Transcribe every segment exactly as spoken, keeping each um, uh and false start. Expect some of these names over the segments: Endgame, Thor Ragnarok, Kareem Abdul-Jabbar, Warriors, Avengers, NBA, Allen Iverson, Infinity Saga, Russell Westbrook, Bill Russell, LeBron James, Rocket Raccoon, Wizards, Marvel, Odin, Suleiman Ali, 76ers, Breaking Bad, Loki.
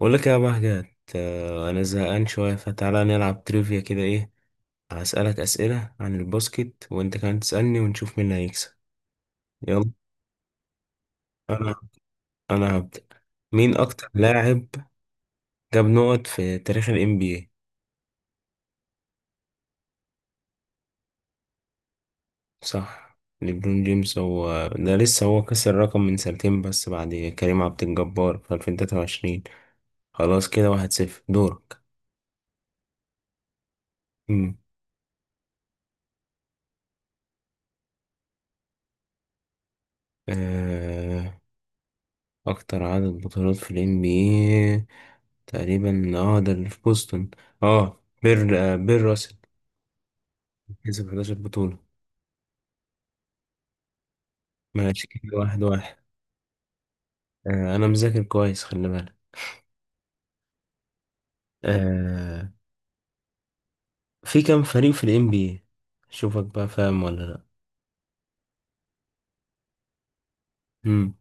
بقول لك يا بهجت. آه، انا زهقان شويه، فتعالى نلعب تريفيا كده، ايه؟ هسألك اسئله عن الباسكت وانت كمان تسألني ونشوف مين اللي هيكسب. يلا. انا انا هبدأ. مين اكتر لاعب جاب نقط في تاريخ ال إن بي إيه؟ صح، ليبرون جيمس هو ده، لسه هو كسر الرقم من سنتين بس بعد كريم عبد الجبار في ألفين وتلاتة وعشرين. خلاص كده واحد صفر، دورك. مم. آه، اكتر عدد بطولات في ال إن بي إيه؟ تقريبا، اه ده اللي في بوسطن، اه بير آه بير راسل كسب إحداشر بطولة. ماشي كده واحد واحد. آه انا مذاكر كويس، خلي بالك. آه في كام فريق في ال إن بي إيه؟ شوفك بقى فاهم ولا لا. مم.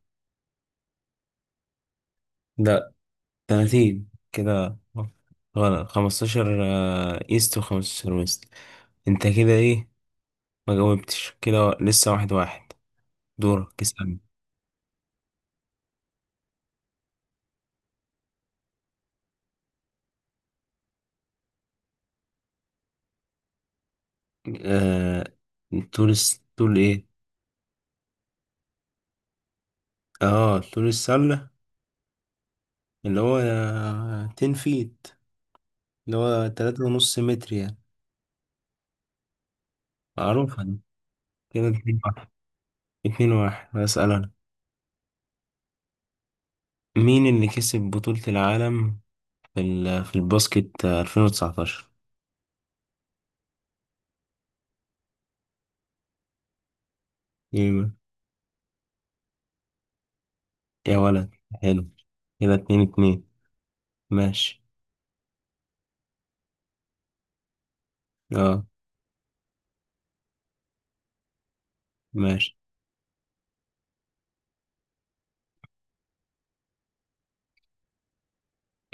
لا، تلاتين كده غلط. خمسة عشر آه ايست و15 ويست. انت كده ايه؟ ما جاوبتش، كده لسه واحد واحد. دورك اسألني. آه طول الس- طول ايه؟ اه، طول السلة اللي هو عشرة فيت، اللي هو تلاتة ونص متر يعني. معروفة دي. كده اتنين واحد. اتنين واحد، هسأل أنا. مين اللي كسب بطولة العالم في ال... في الباسكت ألفين وتسعتاشر؟ يا يا ولد، حلو. كده اتنين اتنين. ماشي، اه ماشي.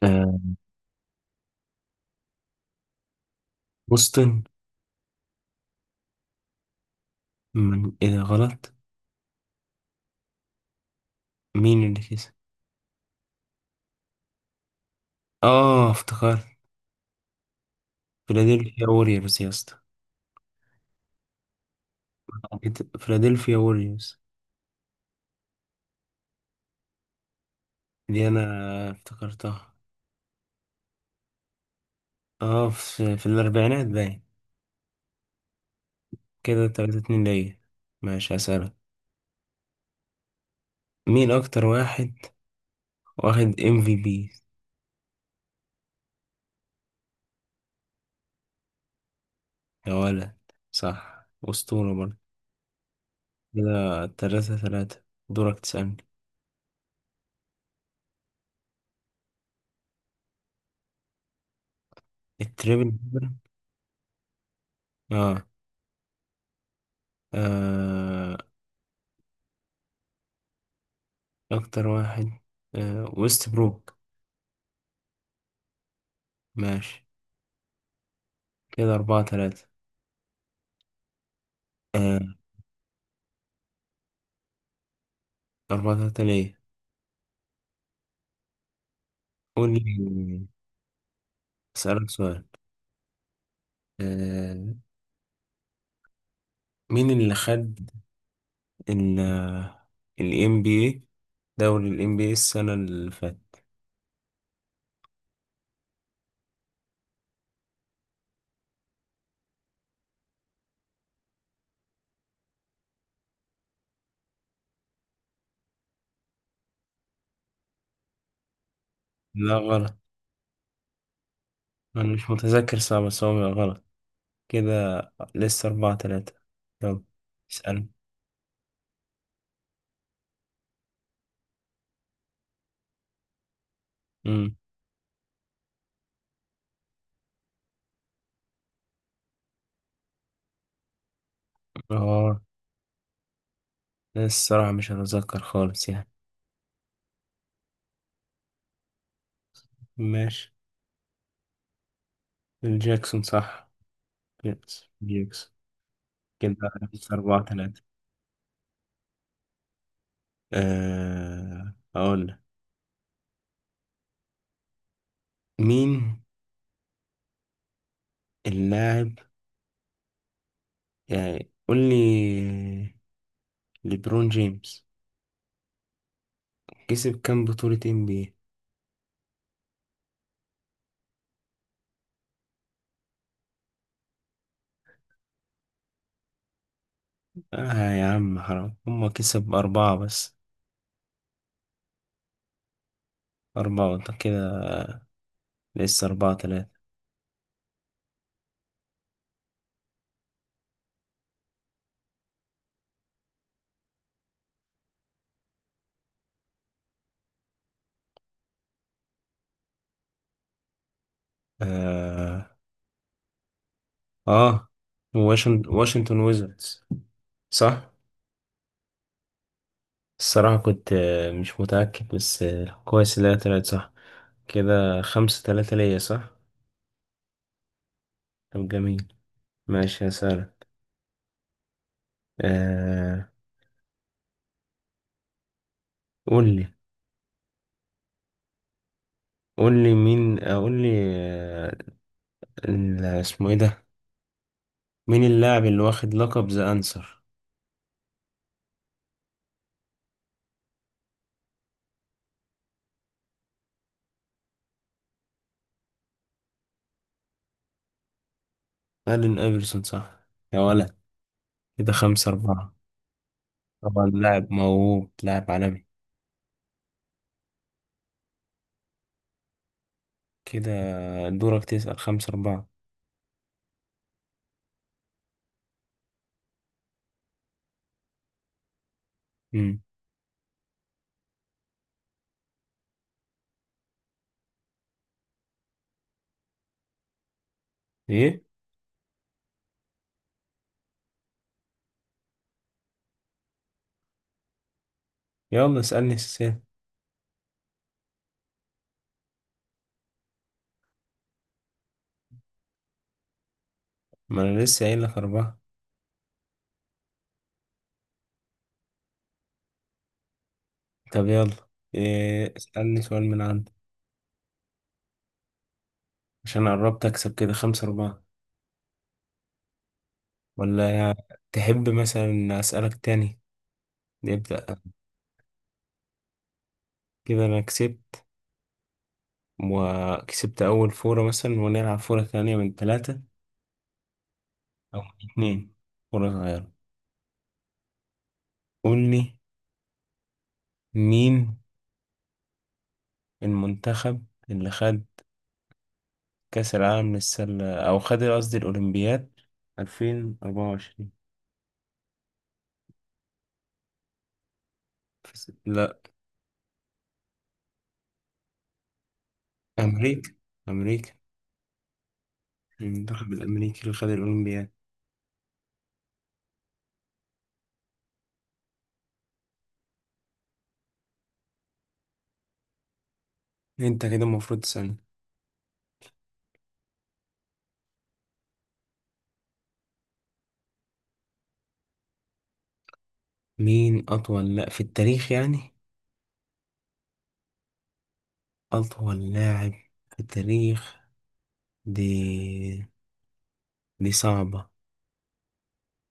آه. بوسطن. من ايه؟ ده غلط؟ مين اللي كسب؟ اه، افتكرت. فيلادلفيا ووريرز يا اسطى. فيلادلفيا ووريرز. دي انا افتكرتها. اه، في, في الأربعينات باين. كده تلاتة اتنين ليا. ماشي هسألك. مين أكتر واحد واخد ام في بي؟ يا ولد، صح، أسطورة برضه. كده تلاتة تلاتة. دورك تسألني. التريبل دبل؟ اه, آه أكتر واحد، آه ويست بروك. ماشي كده أربعة تلاتة. آه أربعة تلاتة ليا، قول لي. أسألك سؤال. آه مين اللي خد ال ال إن بي إيه؟ دوري ال إن بي إيه السنة اللي فاتت. لا غلط. أنا مش متذكر، صعب، بس هو بيبقى غلط كده. لسه أربعة تلاتة. يلا اسأل. أمم آه لا، الصراحة مش هتذكر خالص يعني. ماشي. الجاكسون صح. يس، جاكسون. كده لسه أربعة تلاتة. أه أقول لك. مين اللاعب يعني قول لي، ليبرون جيمس كسب كام بطولة إن بي إيه؟ آه يا عم حرام، هما كسب أربعة بس. أربعة، وأنت كده لسه أربعة تلاتة. آه, آه. واشنطن واشنطن ويزردز، صح. الصراحة كنت آه، مش متأكد، بس آه، كويس إن هي طلعت صح. كده خمسة تلاتة ليا، صح. طب جميل. ماشي هسألك. آه. قول لي، قول لي مين، آه، قول لي، آه. ال- اسمه إيه ده؟ مين اللاعب اللي واخد لقب ذا أنسر؟ ألين إيفرسون، صح يا ولد. كده خمسة أربعة. طبعا لاعب موهوب، لاعب عالمي. كده دورك تسأل، خمسة أربعة. مم. إيه؟ يلا اسألني السؤال. ما أنا لسه قايل لك أربعة. طب يلا، إيه؟ اسألني سؤال من عندك عشان قربت أكسب كده خمسة أربعة، ولا؟ تحب مثلا أسألك تاني، نبدأ؟ كده أنا كسبت، وكسبت أول فورة مثلا، ونلعب فورة تانية من ثلاثة أو من اتنين، فورة صغيرة. قول لي. مين المنتخب اللي خد كأس العالم للسلة، أو خد قصدي الأولمبياد ألفين وأربعة وعشرين؟ كأس- لا، أمريكا. أمريكا، المنتخب الأمريكي اللي خد الأولمبياد. أنت كده المفروض تسألني. مين أطول لا في التاريخ يعني؟ أطول لاعب في التاريخ. دي دي صعبة.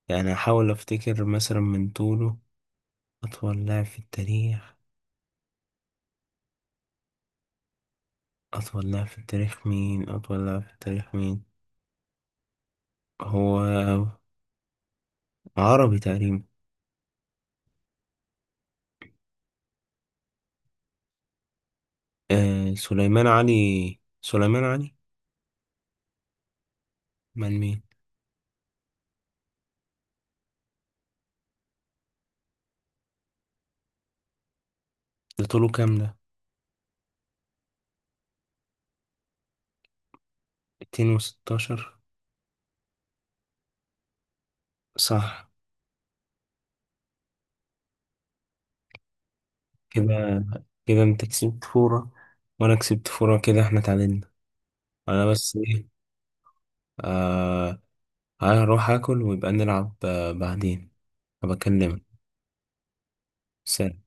يعني أحاول أفتكر مثلا من طوله. أطول لاعب في التاريخ. أطول لاعب في التاريخ مين؟ أطول لاعب في التاريخ مين؟ هو عربي تقريبا. آه سليمان علي. سليمان علي. من مين؟ ده طوله كام ده؟ ميتين وستاشر. صح. كده، كده انت كسبت فورة، وانا كسبت فورة، كده احنا اتعادلنا. انا بس، ايه، آه هروح اكل، ويبقى نلعب آه بعدين. هبكلمك، سلام.